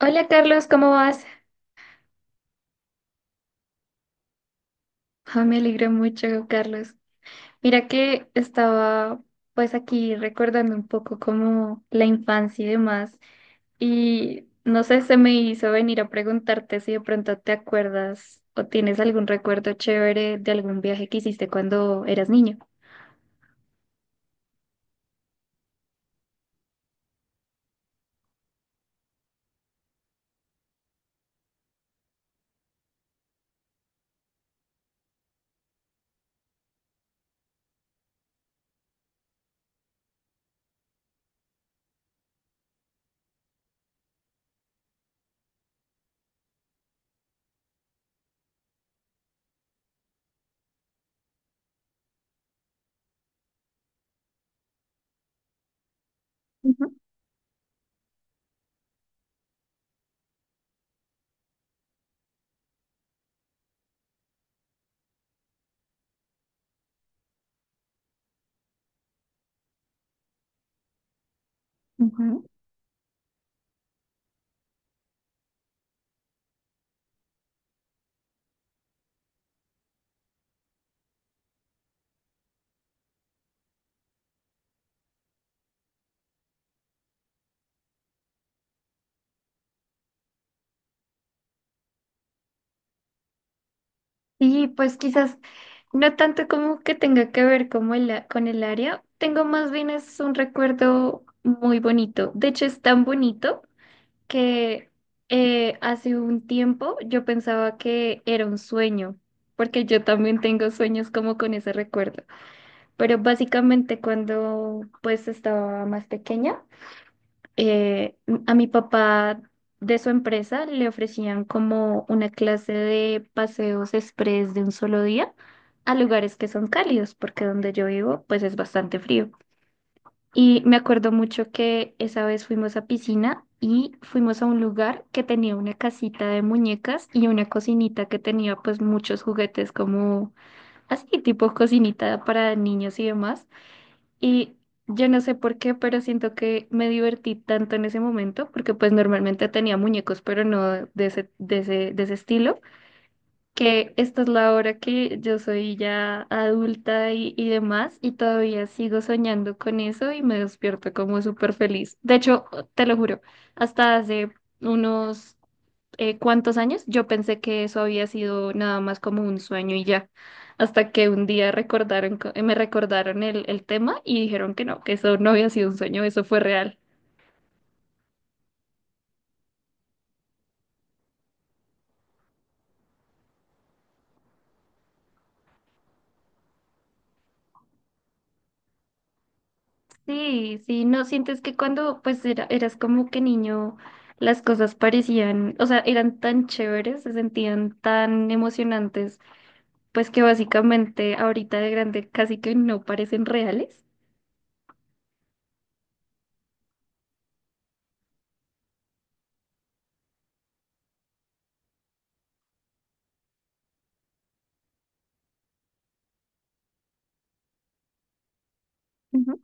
Hola Carlos, ¿cómo vas? Ah, me alegro mucho, Carlos. Mira que estaba pues aquí recordando un poco como la infancia y demás. Y no sé, se me hizo venir a preguntarte si de pronto te acuerdas o tienes algún recuerdo chévere de algún viaje que hiciste cuando eras niño. Ujú, ujú. Y pues quizás no tanto como que tenga que ver como el con el área, tengo más bien es un recuerdo muy bonito. De hecho, es tan bonito que hace un tiempo yo pensaba que era un sueño, porque yo también tengo sueños como con ese recuerdo. Pero básicamente cuando pues estaba más pequeña, eh, a mi papá de su empresa le ofrecían como una clase de paseos express de un solo día a lugares que son cálidos, porque donde yo vivo pues es bastante frío. Y me acuerdo mucho que esa vez fuimos a piscina y fuimos a un lugar que tenía una casita de muñecas y una cocinita que tenía pues muchos juguetes como así, tipo cocinita para niños y demás. Y yo no sé por qué, pero siento que me divertí tanto en ese momento porque pues normalmente tenía muñecos, pero no de ese, de ese estilo, que esta es la hora que yo soy ya adulta y demás, y todavía sigo soñando con eso y me despierto como súper feliz. De hecho, oh, te lo juro, hasta hace unos cuantos años yo pensé que eso había sido nada más como un sueño y ya, hasta que un día me recordaron el tema y dijeron que no, que eso no había sido un sueño, eso fue real. Sí, sí, no sientes que cuando pues eras como que niño las cosas parecían, o sea, eran tan chéveres, se sentían tan emocionantes, pues que básicamente ahorita de grande casi que no parecen reales. Ujú.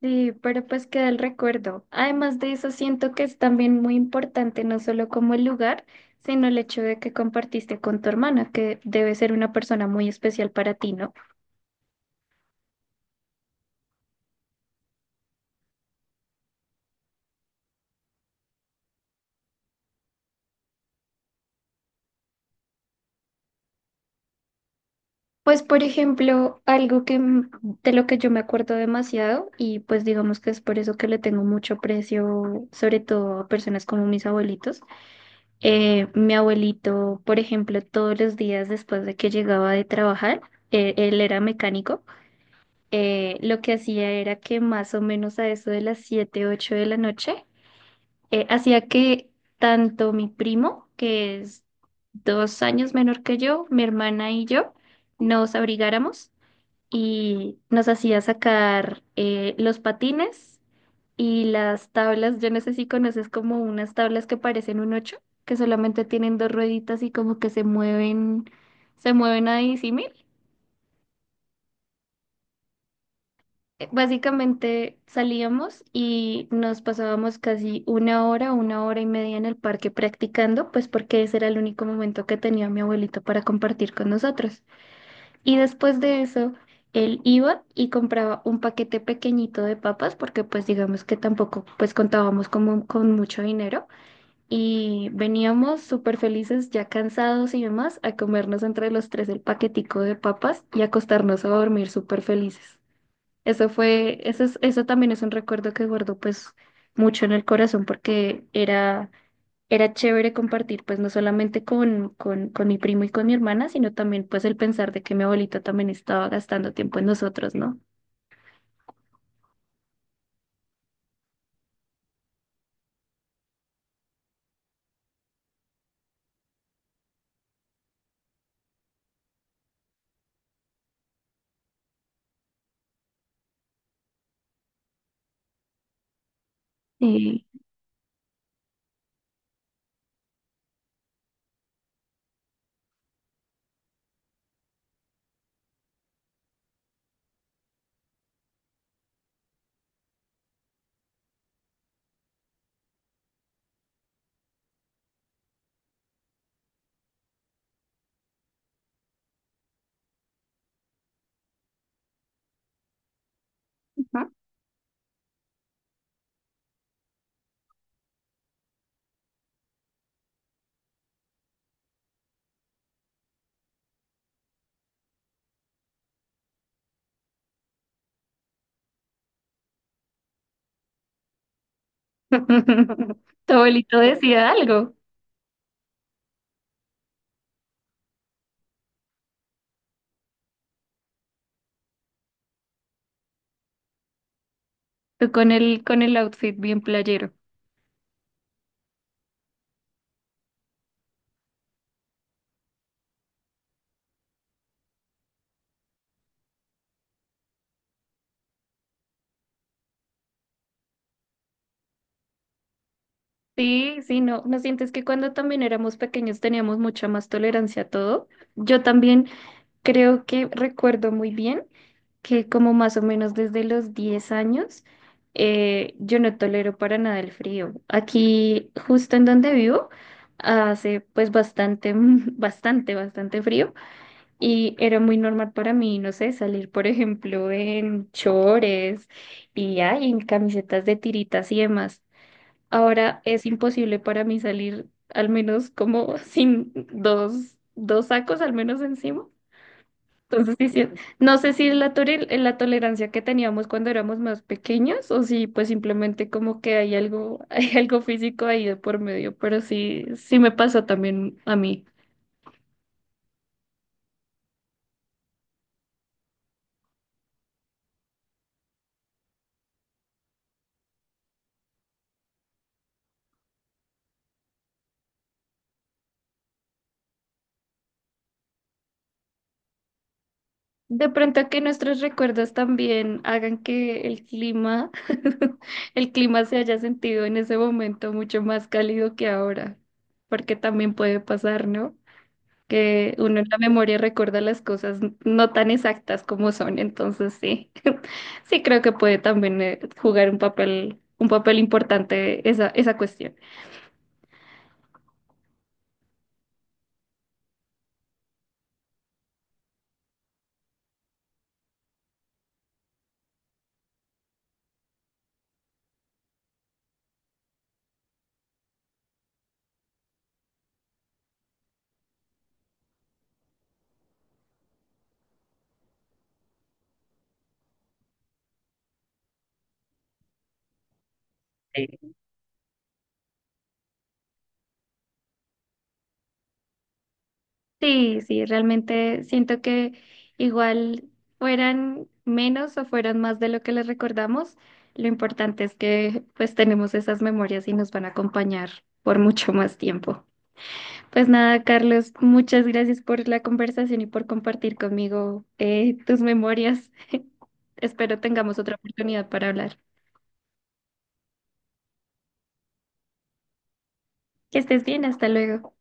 Sí, pero pues queda el recuerdo. Además de eso, siento que es también muy importante no solo como el lugar, sino el hecho de que compartiste con tu hermana, que debe ser una persona muy especial para ti, ¿no? Pues, por ejemplo, de lo que yo me acuerdo demasiado y pues digamos que es por eso que le tengo mucho aprecio, sobre todo a personas como mis abuelitos. Mi abuelito, por ejemplo, todos los días después de que llegaba de trabajar, él era mecánico, lo que hacía era que más o menos a eso de las 7 8 de la noche, hacía que tanto mi primo, que es dos años menor que yo, mi hermana y yo, nos abrigáramos y nos hacía sacar los patines y las tablas. Yo no sé si conoces como unas tablas que parecen un ocho, que solamente tienen dos rueditas y como que se mueven a disímil. Básicamente salíamos y nos pasábamos casi una hora y media en el parque practicando, pues porque ese era el único momento que tenía mi abuelito para compartir con nosotros. Y después de eso, él iba y compraba un paquete pequeñito de papas, porque pues digamos que tampoco pues contábamos como con mucho dinero. Y veníamos súper felices, ya cansados y demás, a comernos entre los tres el paquetico de papas y acostarnos a dormir súper felices. Eso fue, eso también es un recuerdo que guardo pues mucho en el corazón porque era, era chévere compartir, pues no solamente con mi primo y con mi hermana, sino también pues el pensar de que mi abuelita también estaba gastando tiempo en nosotros, ¿no? Eh, Ujú. Tu abuelito decía algo, tú con el outfit bien playero. Sí, sí, no, ¿no sientes que cuando también éramos pequeños teníamos mucha más tolerancia a todo? Yo también. Creo que recuerdo muy bien que como más o menos desde los 10 años, yo no tolero para nada el frío. Aquí, justo en donde vivo, hace pues bastante, bastante, bastante frío y era muy normal para mí, no sé, salir, por ejemplo, en chores y ay, en camisetas de tiritas y demás. Ahora es imposible para mí salir al menos como sin dos sacos al menos encima. Entonces, sí, sí, no sé si es la tolerancia que teníamos cuando éramos más pequeños o si pues simplemente como que hay algo, hay algo físico ahí de por medio, pero sí, sí me pasó también a mí. De pronto que nuestros recuerdos también hagan que el clima, el clima se haya sentido en ese momento mucho más cálido que ahora, porque también puede pasar, ¿no? Que uno en la memoria recuerda las cosas no tan exactas como son, entonces sí, sí creo que puede también jugar un papel importante esa, esa cuestión. Sí. Sí, sí, realmente siento que igual fueran menos o fueran más de lo que les recordamos, lo importante es que pues tenemos esas memorias y nos van a acompañar por mucho más tiempo. Pues nada, Carlos, muchas gracias por la conversación y por compartir conmigo tus memorias. Espero tengamos otra oportunidad para hablar. Que estés bien, hasta luego.